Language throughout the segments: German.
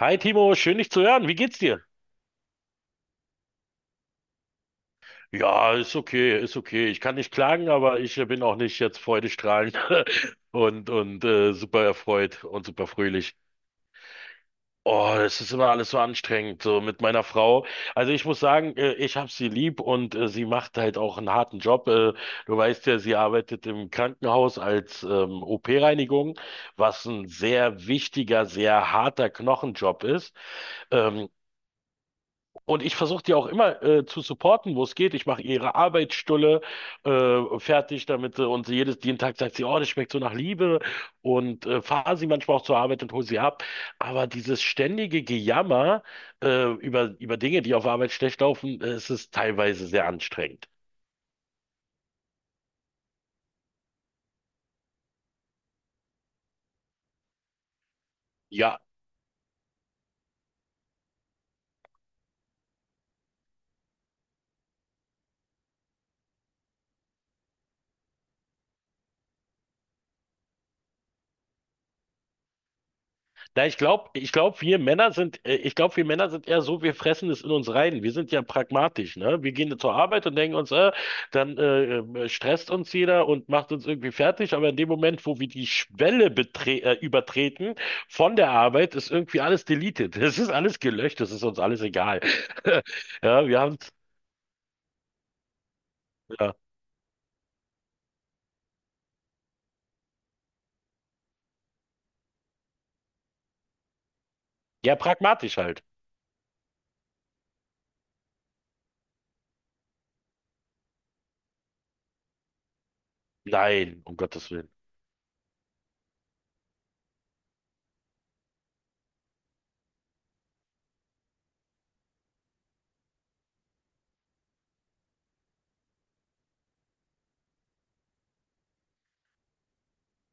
Hi Timo, schön dich zu hören. Wie geht's dir? Ja, ist okay, ist okay. Ich kann nicht klagen, aber ich bin auch nicht jetzt freudestrahlend und super erfreut und super fröhlich. Oh, es ist immer alles so anstrengend, so mit meiner Frau. Also ich muss sagen, ich habe sie lieb und sie macht halt auch einen harten Job. Du weißt ja, sie arbeitet im Krankenhaus als OP-Reinigung, was ein sehr wichtiger, sehr harter Knochenjob ist. Ähm, Und ich versuche die auch immer zu supporten, wo es geht. Ich mache ihre Arbeitsstulle fertig, damit und sie jeden Tag sagt sie, oh, das schmeckt so nach Liebe und fahre sie manchmal auch zur Arbeit und hole sie ab. Aber dieses ständige Gejammer über Dinge, die auf Arbeit schlecht laufen, es ist teilweise sehr anstrengend. Ja. Na, ich glaube, wir Männer sind, eher so, wir fressen es in uns rein. Wir sind ja pragmatisch, ne? Wir gehen zur Arbeit und denken uns, dann stresst uns jeder und macht uns irgendwie fertig. Aber in dem Moment, wo wir die Schwelle betre übertreten von der Arbeit, ist irgendwie alles deleted. Es ist alles gelöscht, es ist uns alles egal. Ja, wir haben, ja, ja, pragmatisch halt. Nein, um Gottes Willen.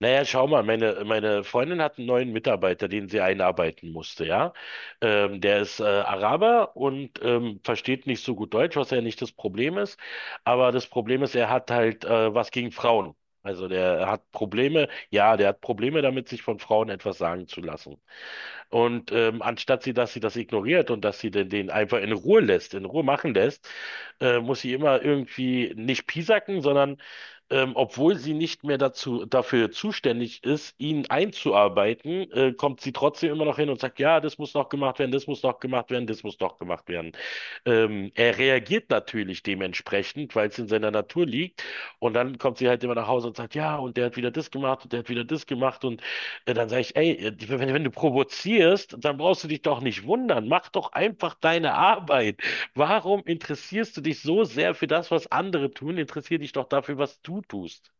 Naja, schau mal, meine Freundin hat einen neuen Mitarbeiter, den sie einarbeiten musste, ja. Der ist Araber und versteht nicht so gut Deutsch, was ja nicht das Problem ist. Aber das Problem ist, er hat halt was gegen Frauen. Also der hat Probleme, ja, der hat Probleme damit, sich von Frauen etwas sagen zu lassen. Und anstatt sie, dass sie das ignoriert und dass sie den einfach in Ruhe lässt, in Ruhe machen lässt, muss sie immer irgendwie nicht piesacken, sondern obwohl sie nicht mehr dafür zuständig ist, ihn einzuarbeiten, kommt sie trotzdem immer noch hin und sagt, ja, das muss noch gemacht werden, das muss noch gemacht werden, das muss noch gemacht werden. Er reagiert natürlich dementsprechend, weil es in seiner Natur liegt. Und dann kommt sie halt immer nach Hause und sagt, ja, und der hat wieder das gemacht und der hat wieder das gemacht. Und ja, dann sage ich, ey, wenn du provozierst, dann brauchst du dich doch nicht wundern. Mach doch einfach deine Arbeit. Warum interessierst du dich so sehr für das, was andere tun? Interessier dich doch dafür, was du tust.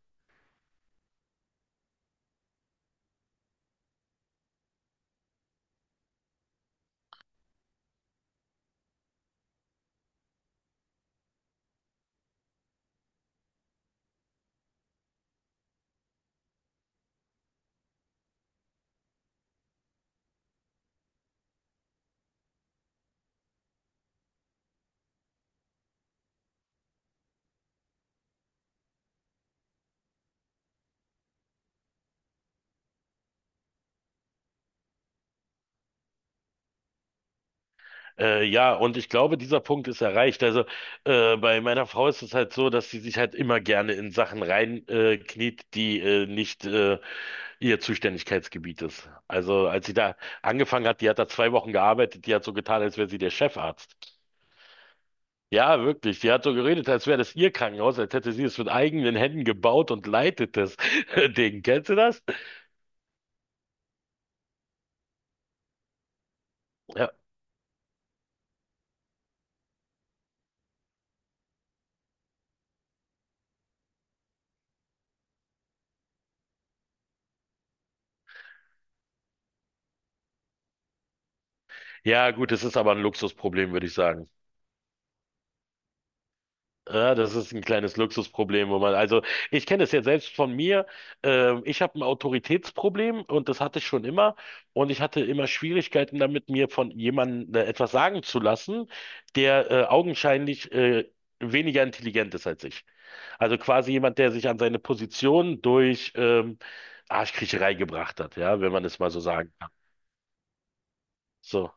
Ja, und ich glaube, dieser Punkt ist erreicht. Also bei meiner Frau ist es halt so, dass sie sich halt immer gerne in Sachen rein kniet, die nicht ihr Zuständigkeitsgebiet ist. Also als sie da angefangen hat, die hat da zwei Wochen gearbeitet, die hat so getan, als wäre sie der Chefarzt. Ja, wirklich. Die hat so geredet, als wäre das ihr Krankenhaus, als hätte sie es mit eigenen Händen gebaut und leitet das Ding. Kennst du das? Ja. Ja, gut, das ist aber ein Luxusproblem, würde ich sagen. Ja, das ist ein kleines Luxusproblem, wo man, also ich kenne das ja selbst von mir. Ich habe ein Autoritätsproblem und das hatte ich schon immer. Und ich hatte immer Schwierigkeiten damit, mir von jemandem etwas sagen zu lassen, der augenscheinlich weniger intelligent ist als ich. Also quasi jemand, der sich an seine Position durch Arschkriecherei gebracht hat, ja, wenn man es mal so sagen kann. So.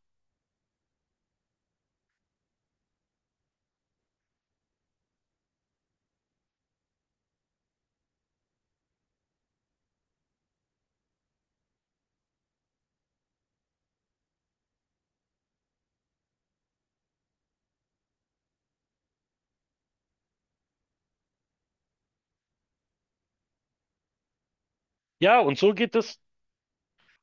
Ja, und so geht es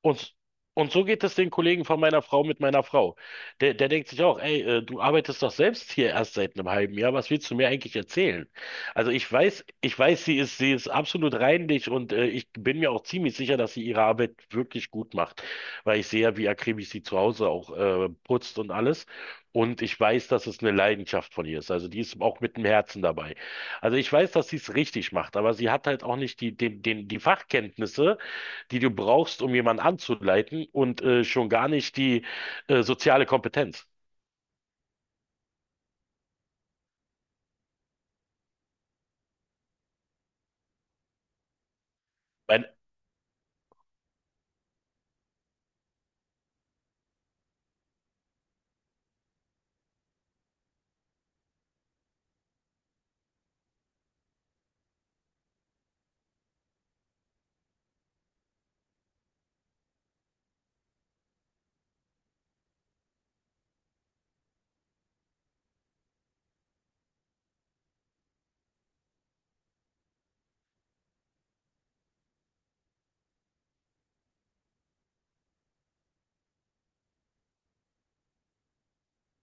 Und, und so geht es den Kollegen von meiner Frau mit meiner Frau. Der denkt sich auch, ey, du arbeitest doch selbst hier erst seit einem halben Jahr, was willst du mir eigentlich erzählen? Also ich weiß, sie ist absolut reinlich und ich bin mir auch ziemlich sicher, dass sie ihre Arbeit wirklich gut macht, weil ich sehe ja, wie akribisch sie zu Hause auch putzt und alles. Und ich weiß, dass es eine Leidenschaft von ihr ist. Also die ist auch mit dem Herzen dabei. Also ich weiß, dass sie es richtig macht, aber sie hat halt auch nicht die Fachkenntnisse, die du brauchst, um jemanden anzuleiten und schon gar nicht die soziale Kompetenz. Mein,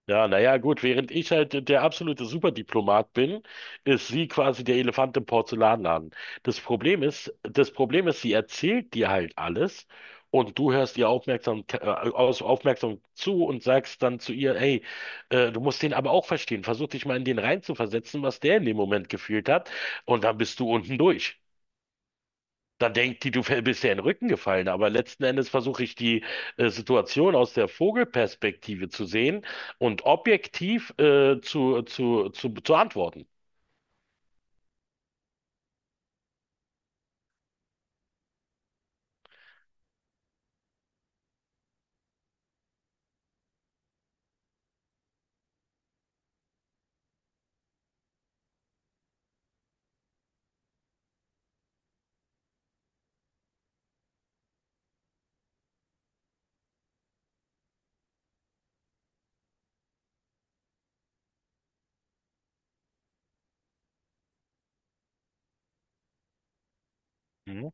ja, naja, gut, während ich halt der absolute Superdiplomat bin, ist sie quasi der Elefant im Porzellanladen. Das Problem ist, sie erzählt dir halt alles und du hörst ihr aufmerksam zu und sagst dann zu ihr, hey, du musst den aber auch verstehen. Versuch dich mal in den reinzuversetzen, was der in dem Moment gefühlt hat und dann bist du unten durch. Dann denkt die, du bist ja in den Rücken gefallen, aber letzten Endes versuche ich die Situation aus der Vogelperspektive zu sehen und objektiv zu antworten. Mhm.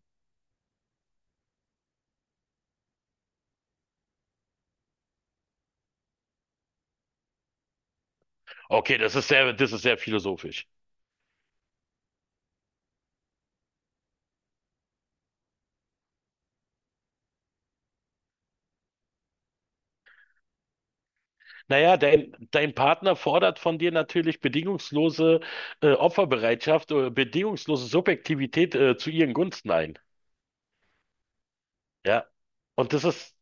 Okay, das ist das ist sehr philosophisch. Naja, dein Partner fordert von dir natürlich bedingungslose Opferbereitschaft oder bedingungslose Subjektivität zu ihren Gunsten ein. Ja. Und das ist,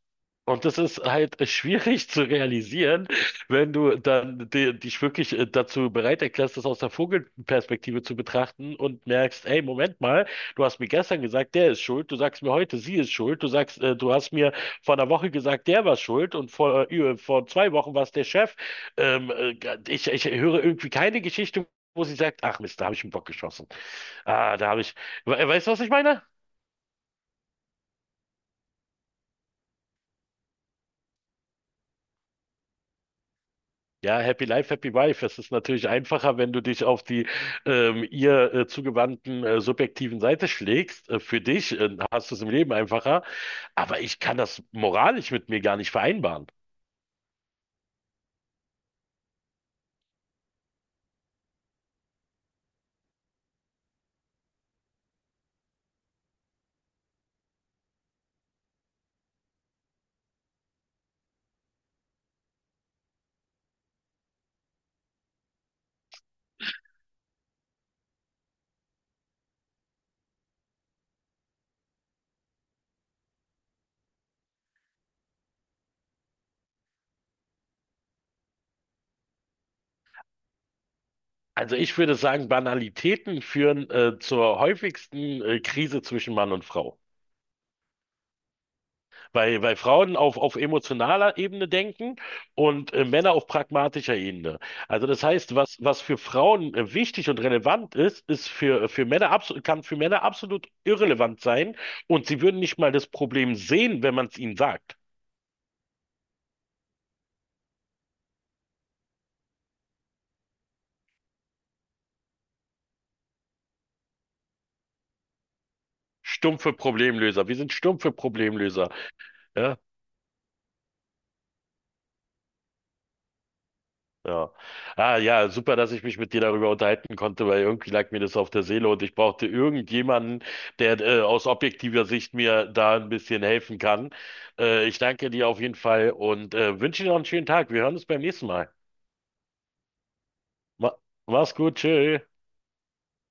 und das ist halt schwierig zu realisieren, wenn du dann dich wirklich dazu bereit erklärst, das aus der Vogelperspektive zu betrachten und merkst, ey, Moment mal, du hast mir gestern gesagt, der ist schuld, du sagst mir heute, sie ist schuld, du sagst, du hast mir vor einer Woche gesagt, der war schuld und vor zwei Wochen war es der Chef. Ähm, äh, ich ich höre irgendwie keine Geschichte, wo sie sagt, ach Mist, da habe ich einen Bock geschossen. Ah, da habe ich, we weißt du, was ich meine? Ja, Happy Life, Happy Wife. Es ist natürlich einfacher, wenn du dich auf die ihr zugewandten subjektiven Seite schlägst. Für dich hast du es im Leben einfacher. Aber ich kann das moralisch mit mir gar nicht vereinbaren. Also ich würde sagen, Banalitäten führen zur häufigsten Krise zwischen Mann und Frau. Weil Frauen auf emotionaler Ebene denken und Männer auf pragmatischer Ebene. Also das heißt, was für Frauen wichtig und relevant ist, ist für Männer absolut, kann für Männer absolut irrelevant sein und sie würden nicht mal das Problem sehen, wenn man es ihnen sagt. Stumpfe Problemlöser. Wir sind stumpfe Problemlöser. Ja, ja. Ah ja, super, dass ich mich mit dir darüber unterhalten konnte, weil irgendwie lag mir das auf der Seele und ich brauchte irgendjemanden, der aus objektiver Sicht mir da ein bisschen helfen kann. Ich danke dir auf jeden Fall und wünsche dir noch einen schönen Tag. Wir hören uns beim nächsten Mal. Ma mach's gut, tschö.